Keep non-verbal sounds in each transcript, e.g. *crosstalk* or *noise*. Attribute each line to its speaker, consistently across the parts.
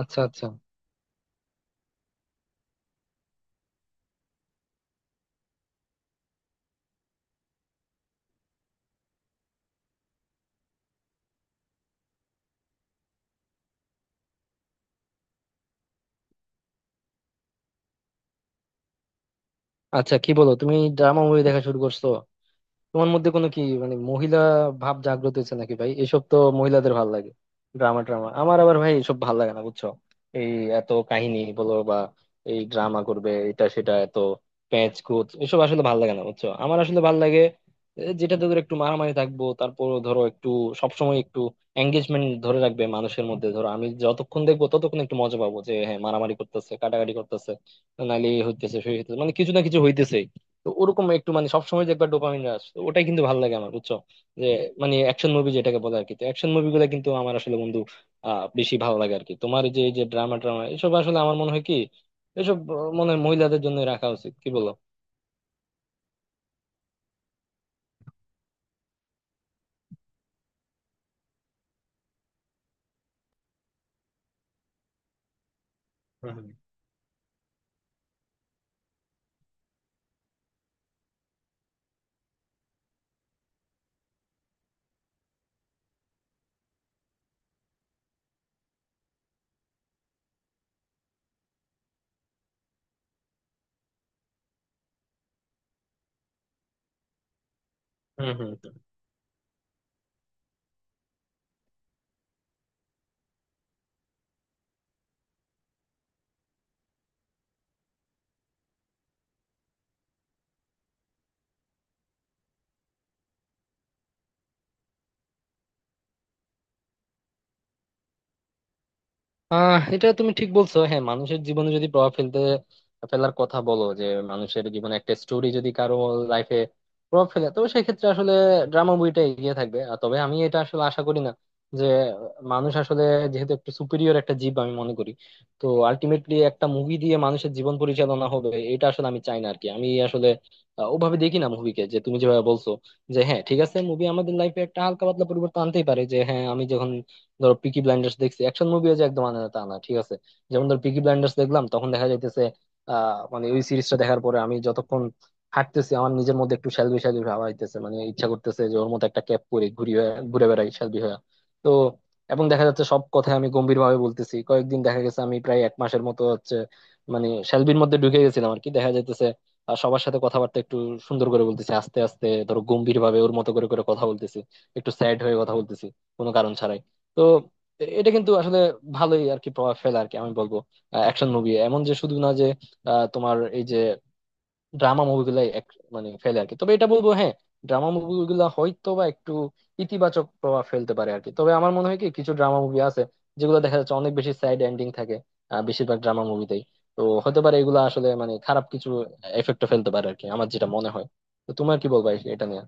Speaker 1: আচ্ছা, আচ্ছা, আচ্ছা, কি বলো তুমি ড্রামা মুভি দেখা শুরু করছো? তোমার মধ্যে কোনো কি মানে মহিলা ভাব জাগ্রত হয়েছে নাকি? ভাই, এসব তো মহিলাদের ভাল লাগে। ড্রামা ড্রামা আমার আবার ভাই এসব ভাল লাগে না বুঝছো। এই এত কাহিনী বলো বা এই ড্রামা করবে এটা সেটা, এত প্যাঁচ কুচ এসব আসলে ভাল লাগে না বুঝছো। আমার আসলে ভাল লাগে যেটাতে ধরো একটু মারামারি থাকবো, তারপর ধরো একটু সবসময় একটু এঙ্গেজমেন্ট ধরে রাখবে মানুষের মধ্যে। ধরো আমি যতক্ষণ দেখবো ততক্ষণ একটু মজা পাবো যে হ্যাঁ, মারামারি করতেছে, কাটাকাটি করতেছে, নাহলে এই হইতেছে সেই হইতেছে, মানে কিছু না কিছু হইতেছে। তো ওরকম একটু মানে সবসময় যে একবার ডোপামিন রাশ, তো ওটাই কিন্তু ভালো লাগে আমার বুঝছো। যে মানে অ্যাকশন মুভি যেটাকে বলে আর কি, তো অ্যাকশন মুভিগুলো কিন্তু আমার আসলে বন্ধু বেশি ভালো লাগে আর কি। তোমার এই যে ড্রামা ট্রামা এসব আসলে আমার মনে হয় কি, এসব মনে হয় মহিলাদের জন্য রাখা উচিত, কি বলো? হম হম হম হম এটা তুমি ঠিক বলছো। হ্যাঁ, মানুষের জীবনে যদি প্রভাব ফেলতে ফেলার কথা বলো, যে মানুষের জীবনে একটা স্টোরি যদি কারো লাইফে প্রভাব ফেলে, তো সেক্ষেত্রে আসলে ড্রামা বইটা এগিয়ে থাকবে। আর তবে আমি এটা আসলে আশা করি না যে মানুষ আসলে, যেহেতু একটা সুপিরিয়র একটা জীব আমি মনে করি, তো আলটিমেটলি একটা মুভি দিয়ে মানুষের জীবন পরিচালনা হবে এটা আসলে আমি চাই না আর কি। আমি আসলে ওভাবে দেখি না মুভিকে, যে তুমি যেভাবে বলছো। যে হ্যাঁ ঠিক আছে, মুভি আমাদের লাইফে একটা হালকা পাতলা পরিবর্তন আনতেই পারে। যে হ্যাঁ, আমি যখন ধরো পিকি ব্লাইন্ডার্স দেখছি, অ্যাকশন মুভিও যে একদম আনে না তা না, ঠিক আছে। যেমন ধরো পিকি ব্লাইন্ডার্স দেখলাম, তখন দেখা যাইতেছে মানে ওই সিরিজটা দেখার পরে আমি যতক্ষণ হাঁটতেছি আমার নিজের মধ্যে একটু শ্যালবি শ্যালবি ভাব আইতেছে। মানে ইচ্ছা করতেছে যে ওর মতো একটা ক্যাপ পরে ঘুরে বেড়াই শ্যালবি হয়ে। তো এবং দেখা যাচ্ছে সব কথাই আমি গম্ভীর ভাবে বলতেছি কয়েকদিন, দেখা গেছে আমি প্রায় এক মাসের মতো হচ্ছে মানে শ্যালবির মধ্যে ঢুকে গেছিলাম আর কি। দেখা যাইতেছে আর সবার সাথে কথাবার্তা একটু সুন্দর করে বলতেছি, আস্তে আস্তে ধরো গম্ভীর ভাবে ওর মতো করে করে কথা বলতেছি, একটু স্যাড হয়ে কথা বলতেছি কোনো কারণ ছাড়াই। তো এটা কিন্তু আসলে ভালোই আর কি প্রভাব ফেলে আর কি, আমি বলবো। অ্যাকশন মুভি এমন যে শুধু না যে তোমার এই যে ড্রামা মুভিগুলাই মানে ফেলে আর কি। তবে এটা বলবো হ্যাঁ, ড্রামা মুভিগুলা হয়তো বা একটু ইতিবাচক প্রভাব ফেলতে পারে আর কি। তবে আমার মনে হয় কি, কিছু ড্রামা মুভি আছে যেগুলো দেখা যাচ্ছে অনেক বেশি স্যাড এন্ডিং থাকে, বেশিরভাগ ড্রামা মুভিতেই। তো হতে পারে এগুলো আসলে মানে খারাপ কিছু এফেক্ট ফেলতে পারে আর কি, আমার যেটা মনে হয়। তো তোমার কি বলবা এটা নিয়ে?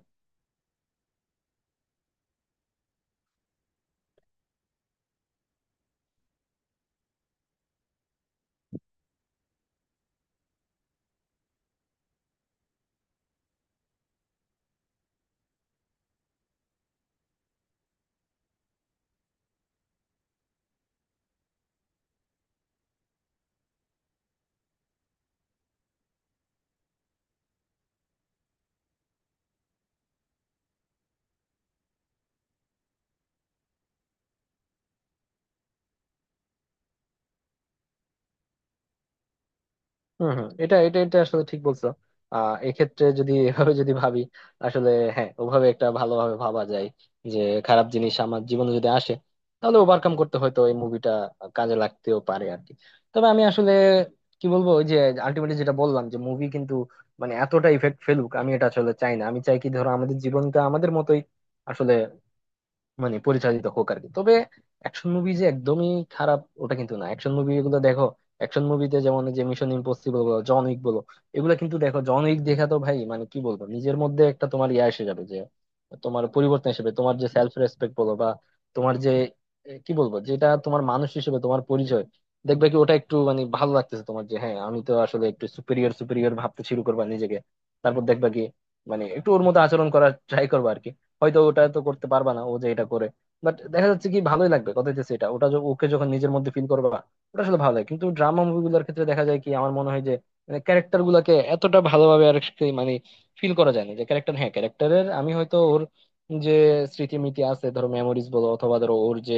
Speaker 1: হম, হম। এটা এটা এটা আসলে ঠিক বলছো। এক্ষেত্রে যদি *laughs* এভাবে যদি ভাবি আসলে, হ্যাঁ ওভাবে একটা ভালোভাবে ভাবা যায়। যে খারাপ জিনিস আমার জীবনে যদি আসে, তাহলে ওভারকাম করতে হয়তো এই মুভিটা কাজে লাগতেও পারে আর কি। তবে আমি আসলে কি বলবো, ওই যে আলটিমেটলি যেটা বললাম যে মুভি কিন্তু মানে এতটা ইফেক্ট ফেলুক আমি এটা আসলে চাই না। আমি চাই কি, ধরো আমাদের জীবনটা আমাদের মতোই আসলে মানে পরিচালিত হোক আর কি। তবে অ্যাকশন মুভি যে একদমই খারাপ ওটা কিন্তু না। অ্যাকশন মুভি গুলো দেখো, অ্যাকশন মুভিতে যেমন এই যে মিশন ইম্পসিবল বলো, জন উইক বলো, এগুলো কিন্তু দেখো, জন উইক দেখা তো ভাই মানে কি বলবো, নিজের মধ্যে একটা তোমার ইয়া এসে যাবে। যে তোমার পরিবর্তন হিসেবে তোমার যে সেলফ রেসপেক্ট বলো বা তোমার যে কি বলবো, যেটা তোমার মানুষ হিসেবে তোমার পরিচয়, দেখবে কি ওটা একটু মানে ভালো লাগতেছে তোমার। যে হ্যাঁ আমি তো আসলে একটু সুপিরিয়র সুপিরিয়র ভাবতে শুরু করবা নিজেকে। তারপর দেখবা কি মানে একটু ওর মতো আচরণ করার ট্রাই করবা আর কি। হয়তো ওটা তো করতে পারবা না ও যে এটা করে, বাট দেখা যাচ্ছে কি ভালোই লাগবে, কথা দিতেছি। এটা ওটা ওকে যখন নিজের মধ্যে ফিল করবা, ওটা আসলে ভালো লাগে। কিন্তু ড্রামা মুভিগুলোর ক্ষেত্রে দেখা যায় কি, আমার মনে হয় যে মানে ক্যারেক্টার গুলাকে এতটা ভালোভাবে আর কি মানে ফিল করা যায় না। যে ক্যারেক্টার, হ্যাঁ ক্যারেক্টারের আমি হয়তো ওর যে স্মৃতিমিতি আছে, ধরো মেমোরিজ বলো, অথবা ধরো ওর যে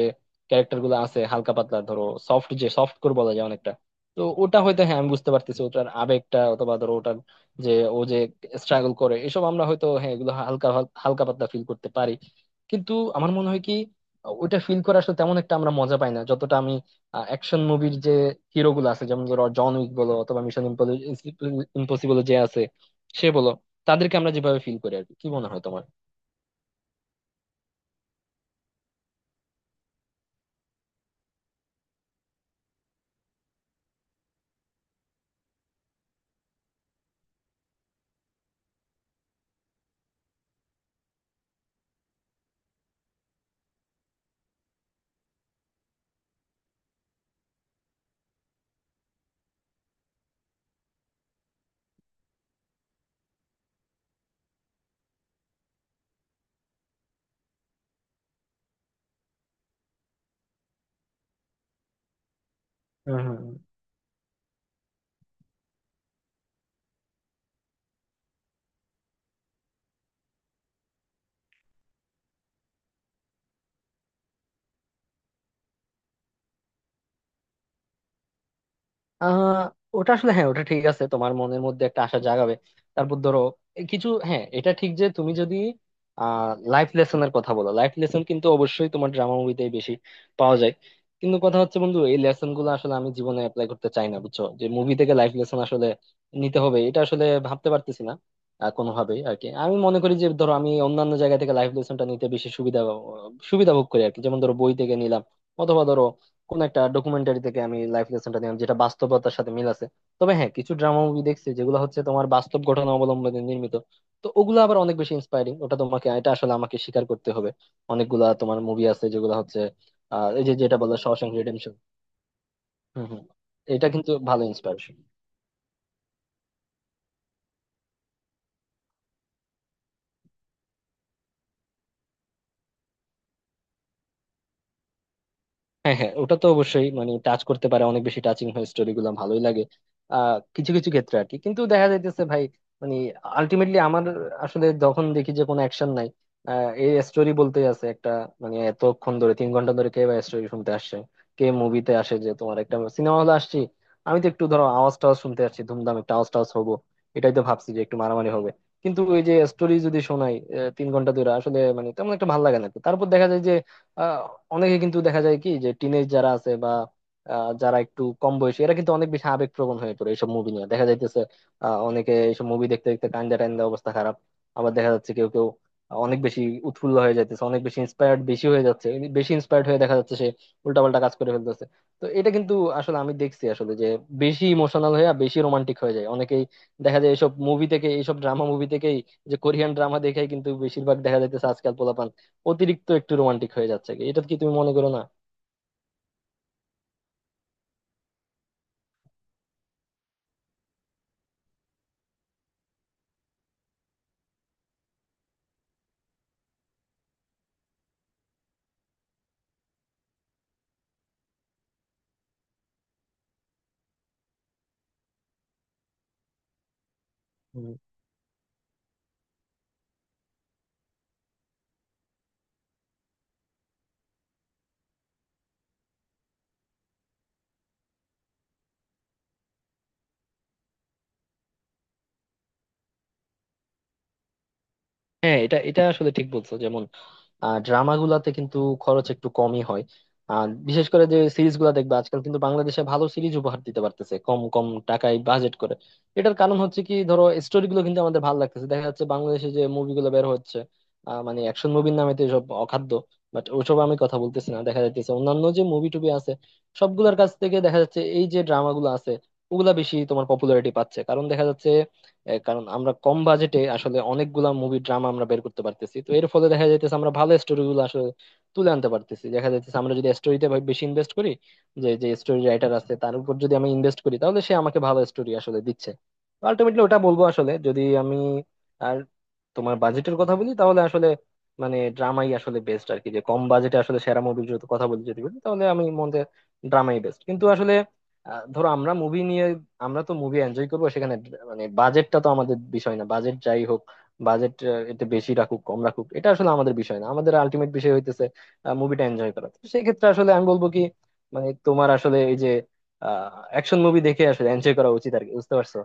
Speaker 1: ক্যারেক্টার গুলো আছে হালকা পাতলা, ধরো সফট যে সফট কোর বলা যায় অনেকটা। তো ওটা হয়তো হ্যাঁ আমি বুঝতে পারতেছি ওটার আবেগটা, অথবা ধরো ওটার যে ও যে স্ট্রাগল করে এসব আমরা হয়তো হ্যাঁ এগুলো হালকা হালকা পাতলা ফিল করতে পারি। কিন্তু আমার মনে হয় কি, ওইটা ফিল করা আসলে তেমন একটা আমরা মজা পাই না, যতটা আমি অ্যাকশন মুভির যে হিরো গুলো আছে, যেমন ধরো জন উইক বলো অথবা মিশন ইম্পসিবল যে আছে সে বলো, তাদেরকে আমরা যেভাবে ফিল করি আর কি। কি মনে হয় তোমার? হম, হম। আহ ওটা আসলে হ্যাঁ, ওটা ঠিক আছে, তোমার মনের মধ্যে একটা আশা জাগাবে। তারপর ধরো এ কিছু, হ্যাঁ এটা ঠিক যে তুমি যদি আহ লাইফ লেসনের কথা বলো, লাইফ লেসন কিন্তু অবশ্যই তোমার ড্রামা মুভিতে বেশি পাওয়া যায়। কিন্তু কথা হচ্ছে বন্ধু, এই লেসন গুলো আসলে আমি জীবনে অ্যাপ্লাই করতে চাই না বুঝছো। যে মুভি থেকে লাইফ লেসন আসলে নিতে হবে এটা আসলে ভাবতে পারতেছি না কোনোভাবেই আর কি। আমি মনে করি যে ধরো আমি অন্যান্য জায়গা থেকে লাইফ লেসনটা নিতে বেশি সুবিধা সুবিধা ভোগ করি আর কি। যেমন ধরো বই থেকে নিলাম, অথবা ধরো কোন একটা ডকুমেন্টারি থেকে আমি লাইফ লেসনটা নিলাম যেটা বাস্তবতার সাথে মিল আছে। তবে হ্যাঁ, কিছু ড্রামা মুভি দেখছি যেগুলো হচ্ছে তোমার বাস্তব ঘটনা অবলম্বনে নির্মিত, তো ওগুলো আবার অনেক বেশি ইন্সপায়ারিং। ওটা তোমাকে, এটা আসলে আমাকে স্বীকার করতে হবে, অনেকগুলা তোমার মুভি আছে যেগুলো হচ্ছে এই যে যেটা বললো শশাঙ্ক রিডেম্পশন। হম, হম। এটা কিন্তু ভালো ইন্সপায়ারেশন। হ্যাঁ, হ্যাঁ, ওটা তো অবশ্যই মানে টাচ করতে পারে, অনেক বেশি টাচিং হয়, স্টোরি গুলো ভালোই লাগে কিছু কিছু ক্ষেত্রে আর কি। কিন্তু দেখা যাইতেছে ভাই মানে আলটিমেটলি আমার আসলে যখন দেখি যে কোনো অ্যাকশন নাই, এই স্টোরি বলতেই আছে একটা, মানে এতক্ষণ ধরে 3 ঘন্টা ধরে কে বা স্টোরি শুনতে আসছে? কে মুভিতে আসে যে, তোমার একটা সিনেমা হলে আসছি আমি তো একটু ধরো আওয়াজ টাওয়াজ শুনতে আসছি, ধুমধাম একটা আওয়াজ টাওয়াজ হবো, এটাই তো ভাবছি যে একটু মারামারি হবে। কিন্তু ওই যে স্টোরি যদি শোনাই 3 ঘন্টা ধরে আসলে মানে তেমন একটা ভালো লাগে না। তারপর দেখা যায় যে আহ, অনেকে কিন্তু দেখা যায় কি, যে টিনেজ যারা আছে বা যারা একটু কম বয়সী, এরা কিন্তু অনেক বেশি আবেগপ্রবণ হয়ে পড়ে এইসব মুভি নিয়ে, দেখা যাইতেছে অনেকে এইসব মুভি দেখতে দেখতে কান্দা টান্দা, অবস্থা খারাপ। আবার দেখা যাচ্ছে কেউ কেউ অনেক বেশি উৎফুল্ল হয়ে যাইতেছে, অনেক বেশি ইন্সপায়ার্ড বেশি হয়ে যাচ্ছে। বেশি ইন্সপায়ার্ড হয়ে দেখা যাচ্ছে সে উল্টাপাল্টা কাজ করে ফেলতেছে। তো এটা কিন্তু আসলে আমি দেখছি আসলে যে বেশি ইমোশনাল হয়ে আর বেশি রোমান্টিক হয়ে যায় অনেকেই, দেখা যায় এইসব মুভি থেকে, এইসব ড্রামা মুভি থেকেই। যে কোরিয়ান ড্রামা দেখেই কিন্তু বেশিরভাগ দেখা যাইতেছে আজকাল অতিরিক্ত একটু রোমান্টিক হয়ে যাচ্ছে কি, এটা কি তুমি মনে করো না? হুম। হ্যাঁ, এটা এটা আসলে ঠিক বলছো। যেমন ড্রামা গুলাতে কিন্তু খরচ একটু কমই হয়। আর বিশেষ করে যে সিরিজ গুলা দেখবে আজকাল কিন্তু বাংলাদেশে ভালো সিরিজ উপহার দিতে পারতেছে কম কম টাকায় বাজেট করে। এটার কারণ হচ্ছে কি, ধরো স্টোরি গুলো কিন্তু আমাদের ভালো লাগতেছে, দেখা যাচ্ছে বাংলাদেশে যে মুভিগুলো বের হচ্ছে, মানে অ্যাকশন মুভির নামে তো এসব অখাদ্য, বাট ওসব আমি কথা বলতেছি না। দেখা যাচ্ছে অন্যান্য যে মুভি টুবি আছে সবগুলোর কাছ থেকে দেখা যাচ্ছে এই যে ড্রামাগুলো আছে, ওগুলা বেশি তোমার পপুলারিটি পাচ্ছে। কারণ দেখা যাচ্ছে কারণ আমরা কম বাজেটে আসলে অনেকগুলা মুভি ড্রামা আমরা বের করতে পারতেছি, তো এর ফলে দেখা যাইতেছে আমরা ভালো স্টোরি গুলো আসলে তুলে আনতে পারতেছি। দেখা যাইতেছে আমরা যদি স্টোরিতে বেশি ইনভেস্ট করি, যে যে স্টোরি রাইটার আছে তার উপর যদি আমি ইনভেস্ট করি, তাহলে সে আমাকে ভালো স্টোরি আসলে দিচ্ছে। আলটিমেটলি ওটা বলবো আসলে যদি আমি আর তোমার বাজেটের কথা বলি তাহলে আসলে মানে ড্রামাই আসলে বেস্ট আর কি। যে কম বাজেটে আসলে সেরা মুভির যদি কথা বলি, যদি বলি তাহলে আমি মনে, ড্রামাই বেস্ট কিন্তু আসলে। ধরো আমরা মুভি নিয়ে আমরা তো মুভি এনজয় করবো, সেখানে মানে বাজেটটা তো আমাদের বিষয় না। বাজেট যাই হোক, বাজেট এতে বেশি রাখুক কম রাখুক এটা আসলে আমাদের বিষয় না। আমাদের আলটিমেট বিষয় হইতেছে মুভিটা এনজয় করা। তো সেই ক্ষেত্রে আসলে আমি বলবো কি মানে তোমার আসলে এই যে অ্যাকশন মুভি দেখে আসলে এনজয় করা উচিত আর কি, বুঝতে পারছো?